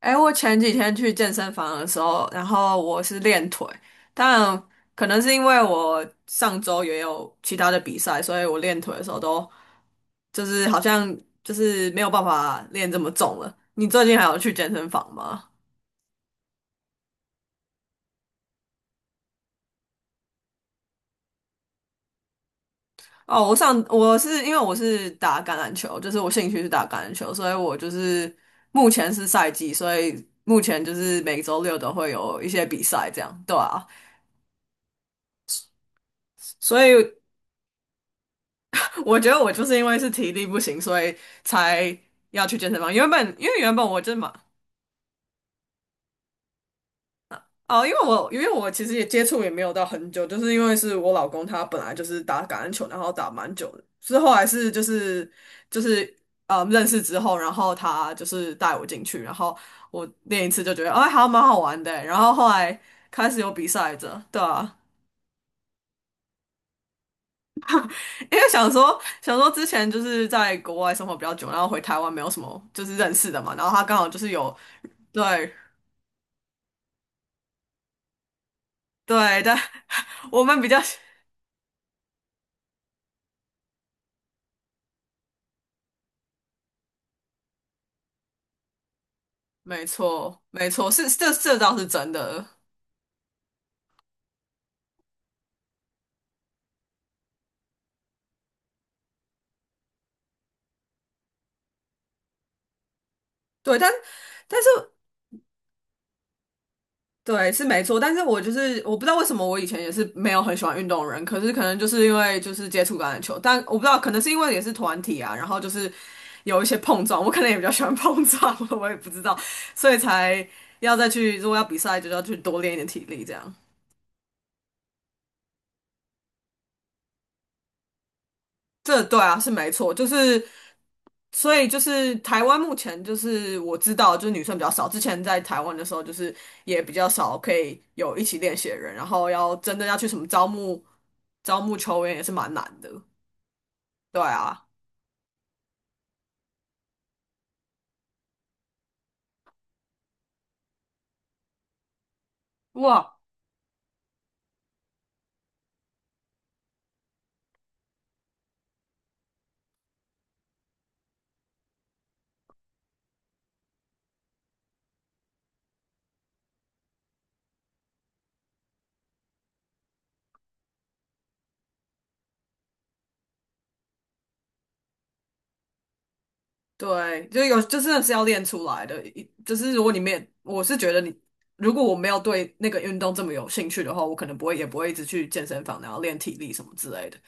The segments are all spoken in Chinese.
哎，我前几天去健身房的时候，然后我是练腿，但可能是因为我上周也有其他的比赛，所以我练腿的时候都就是好像没有办法练这么重了。你最近还有去健身房吗？哦，我是因为我是打橄榄球，就是我兴趣是打橄榄球，所以我就是目前是赛季，所以目前就是每周六都会有一些比赛，这样。对啊。所以 我觉得我就是因为是体力不行，所以才要去健身房。原本我真是嘛。哦，因为我其实也接触也没有到很久，就是因为是我老公他本来就是打橄榄球，然后打蛮久的，是后来是就是认识之后，然后他就是带我进去，然后我练一次就觉得哎还蛮好玩的欸，然后后来开始有比赛着，对啊。因为想说，想说之前就是在国外生活比较久，然后回台湾没有什么就是认识的嘛，然后他刚好就是有。对对，但 我们比较。没错没错，是这倒是真的。对，但但是对是没错，但是我就是我不知道为什么我以前也是没有很喜欢运动的人，可是可能就是因为就是接触橄榄球，但我不知道可能是因为也是团体啊，然后就是有一些碰撞，我可能也比较喜欢碰撞，我也不知道，所以才要再去，如果要比赛就要去多练一点体力这样。这对啊，是没错，就是所以就是台湾目前就是我知道就是女生比较少，之前在台湾的时候就是也比较少可以有一起练习的人，然后要真的要去什么招募球员也是蛮难的。对啊。哇。对，就有就真的是要练出来的，一就是如果你没也，我是觉得你如果我没有对那个运动这么有兴趣的话，我可能不会也不会一直去健身房然后练体力什么之类的。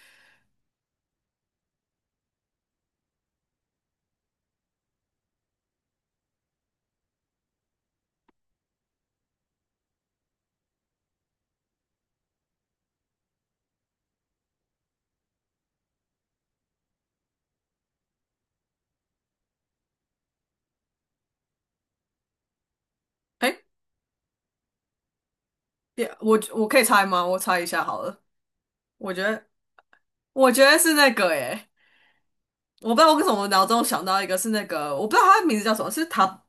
哎，别，我可以猜吗？我猜一下好了。我觉得，我觉得是那个耶，我不知道为什么我脑中想到一个是那个，我不知道它的名字叫什么，是塔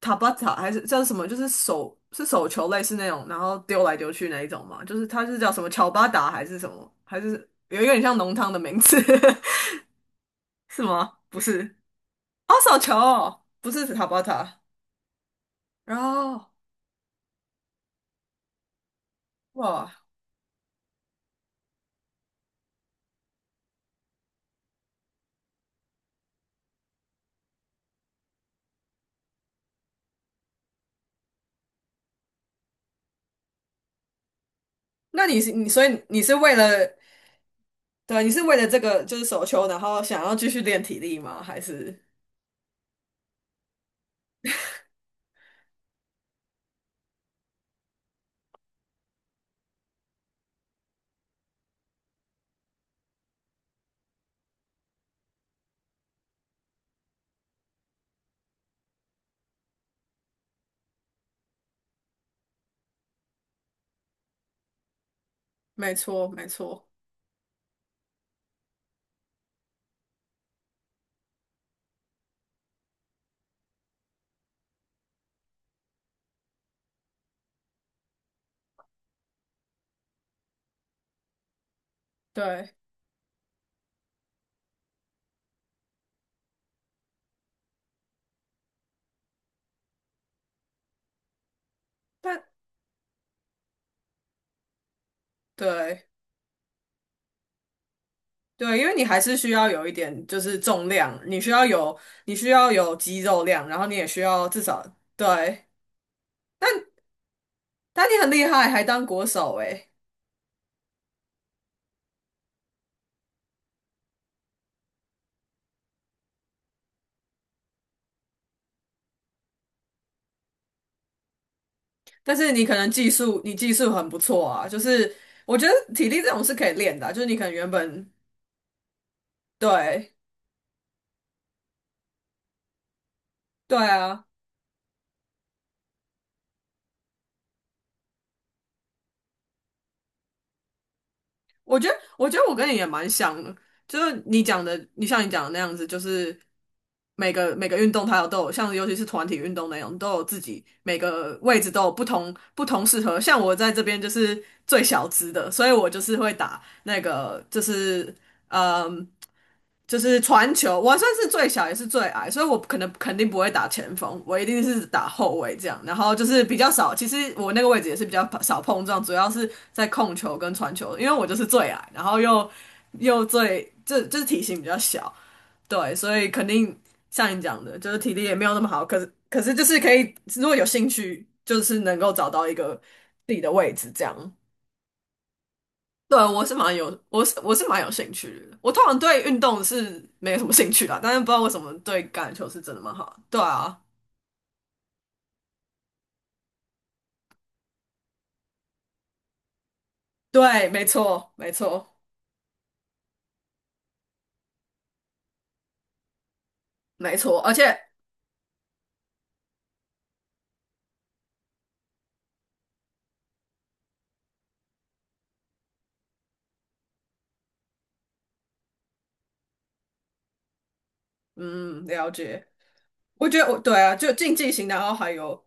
塔巴塔还是叫什么？就是手球类似那种，然后丢来丢去那一种嘛，就是它是叫什么乔巴达还是什么，还是有一个很像浓汤的名字。是吗？不是。哦，手球不是塔巴塔。然后哇，那你是为了。对啊，你是为了这个就是手球，然后想要继续练体力吗？还是？没错，没错。对，但对对，因为你还是需要有一点就是重量，你需要有肌肉量，然后你也需要至少。对，但你很厉害，还当国手诶。但是你可能技术，你技术很不错啊，就是我觉得体力这种是可以练的啊，就是你可能原本。对对啊，我觉得，我觉得我跟你也蛮像的，就是你讲的，你像你讲的那样子，就是每个运动它有都有，像尤其是团体运动那种，都有自己每个位置都有不同适合。像我在这边就是最小资的，所以我就是会打那个就是。嗯。就是传球，我算是最小也是最矮，所以我可能肯定不会打前锋，我一定是打后卫这样。然后就是比较少，其实我那个位置也是比较少碰撞，主要是在控球跟传球，因为我就是最矮，然后又又最就是体型比较小。对，所以肯定像你讲的，就是体力也没有那么好，可是就是可以，如果有兴趣，就是能够找到一个自己的位置这样。对，我是蛮有，我是蛮有兴趣的。我通常对运动是没有什么兴趣啦，但是不知道为什么对橄榄球是真的蛮好的。对啊，对，没错，没错，没错。而且，嗯，了解。我觉得我。对啊，就竞技型，然后还有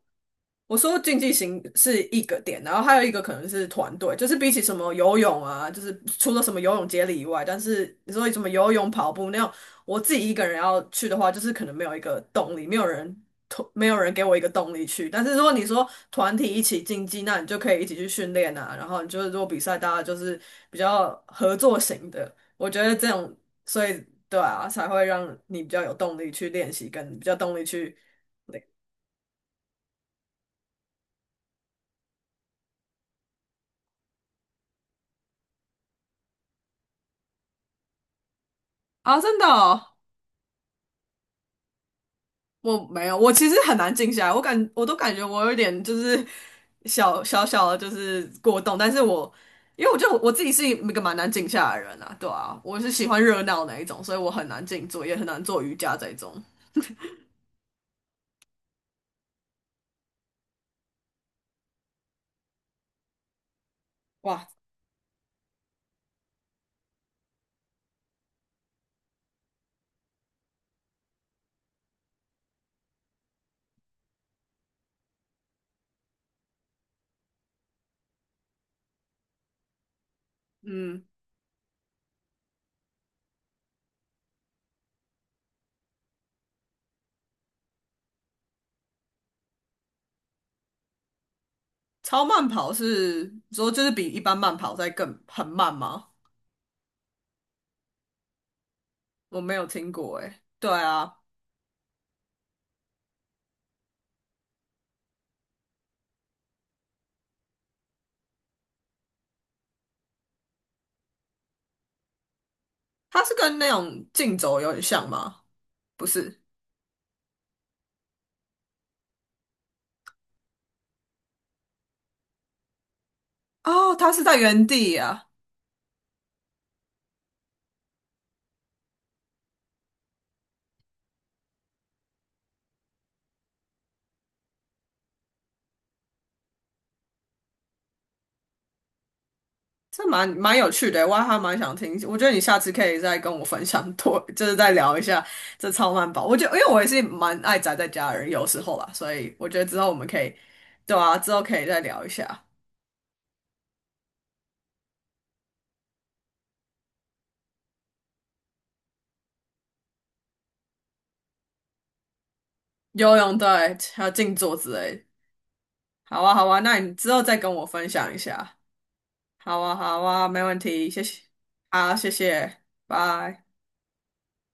我说竞技型是一个点，然后还有一个可能是团队，就是比起什么游泳啊，就是除了什么游泳接力以外，但是你说什么游泳、跑步那样，我自己一个人要去的话，就是可能没有一个动力，没有人推，没有人给我一个动力去。但是如果你说团体一起竞技，那你就可以一起去训练啊，然后你就是如果比赛，大家就是比较合作型的，我觉得这种，所以对啊，才会让你比较有动力去练习，跟比较动力去。啊，真的哦。我没有，我其实很难静下来，我都感觉我有点就是小小的，就是过动，但是我因为我觉得我自己是一个蛮难静下来的人啊，对啊，我是喜欢热闹那一种，所以我很难静坐，也很难做瑜伽这一种。哇。嗯。超慢跑是说就是比一般慢跑在更很慢吗？我没有听过诶、对啊，它是跟那种竞走有点像吗？不是，哦，它是在原地啊。这蛮有趣的，我还蛮想听。我觉得你下次可以再跟我分享多，就是再聊一下这超慢跑。我觉得，因为我也是蛮爱宅在家的人，有时候啦，所以我觉得之后我们可以。对啊，之后可以再聊一下游泳，对，还有静坐之类的。好啊，好啊，那你之后再跟我分享一下。好啊，好啊，没问题，谢谢。好，谢谢，拜。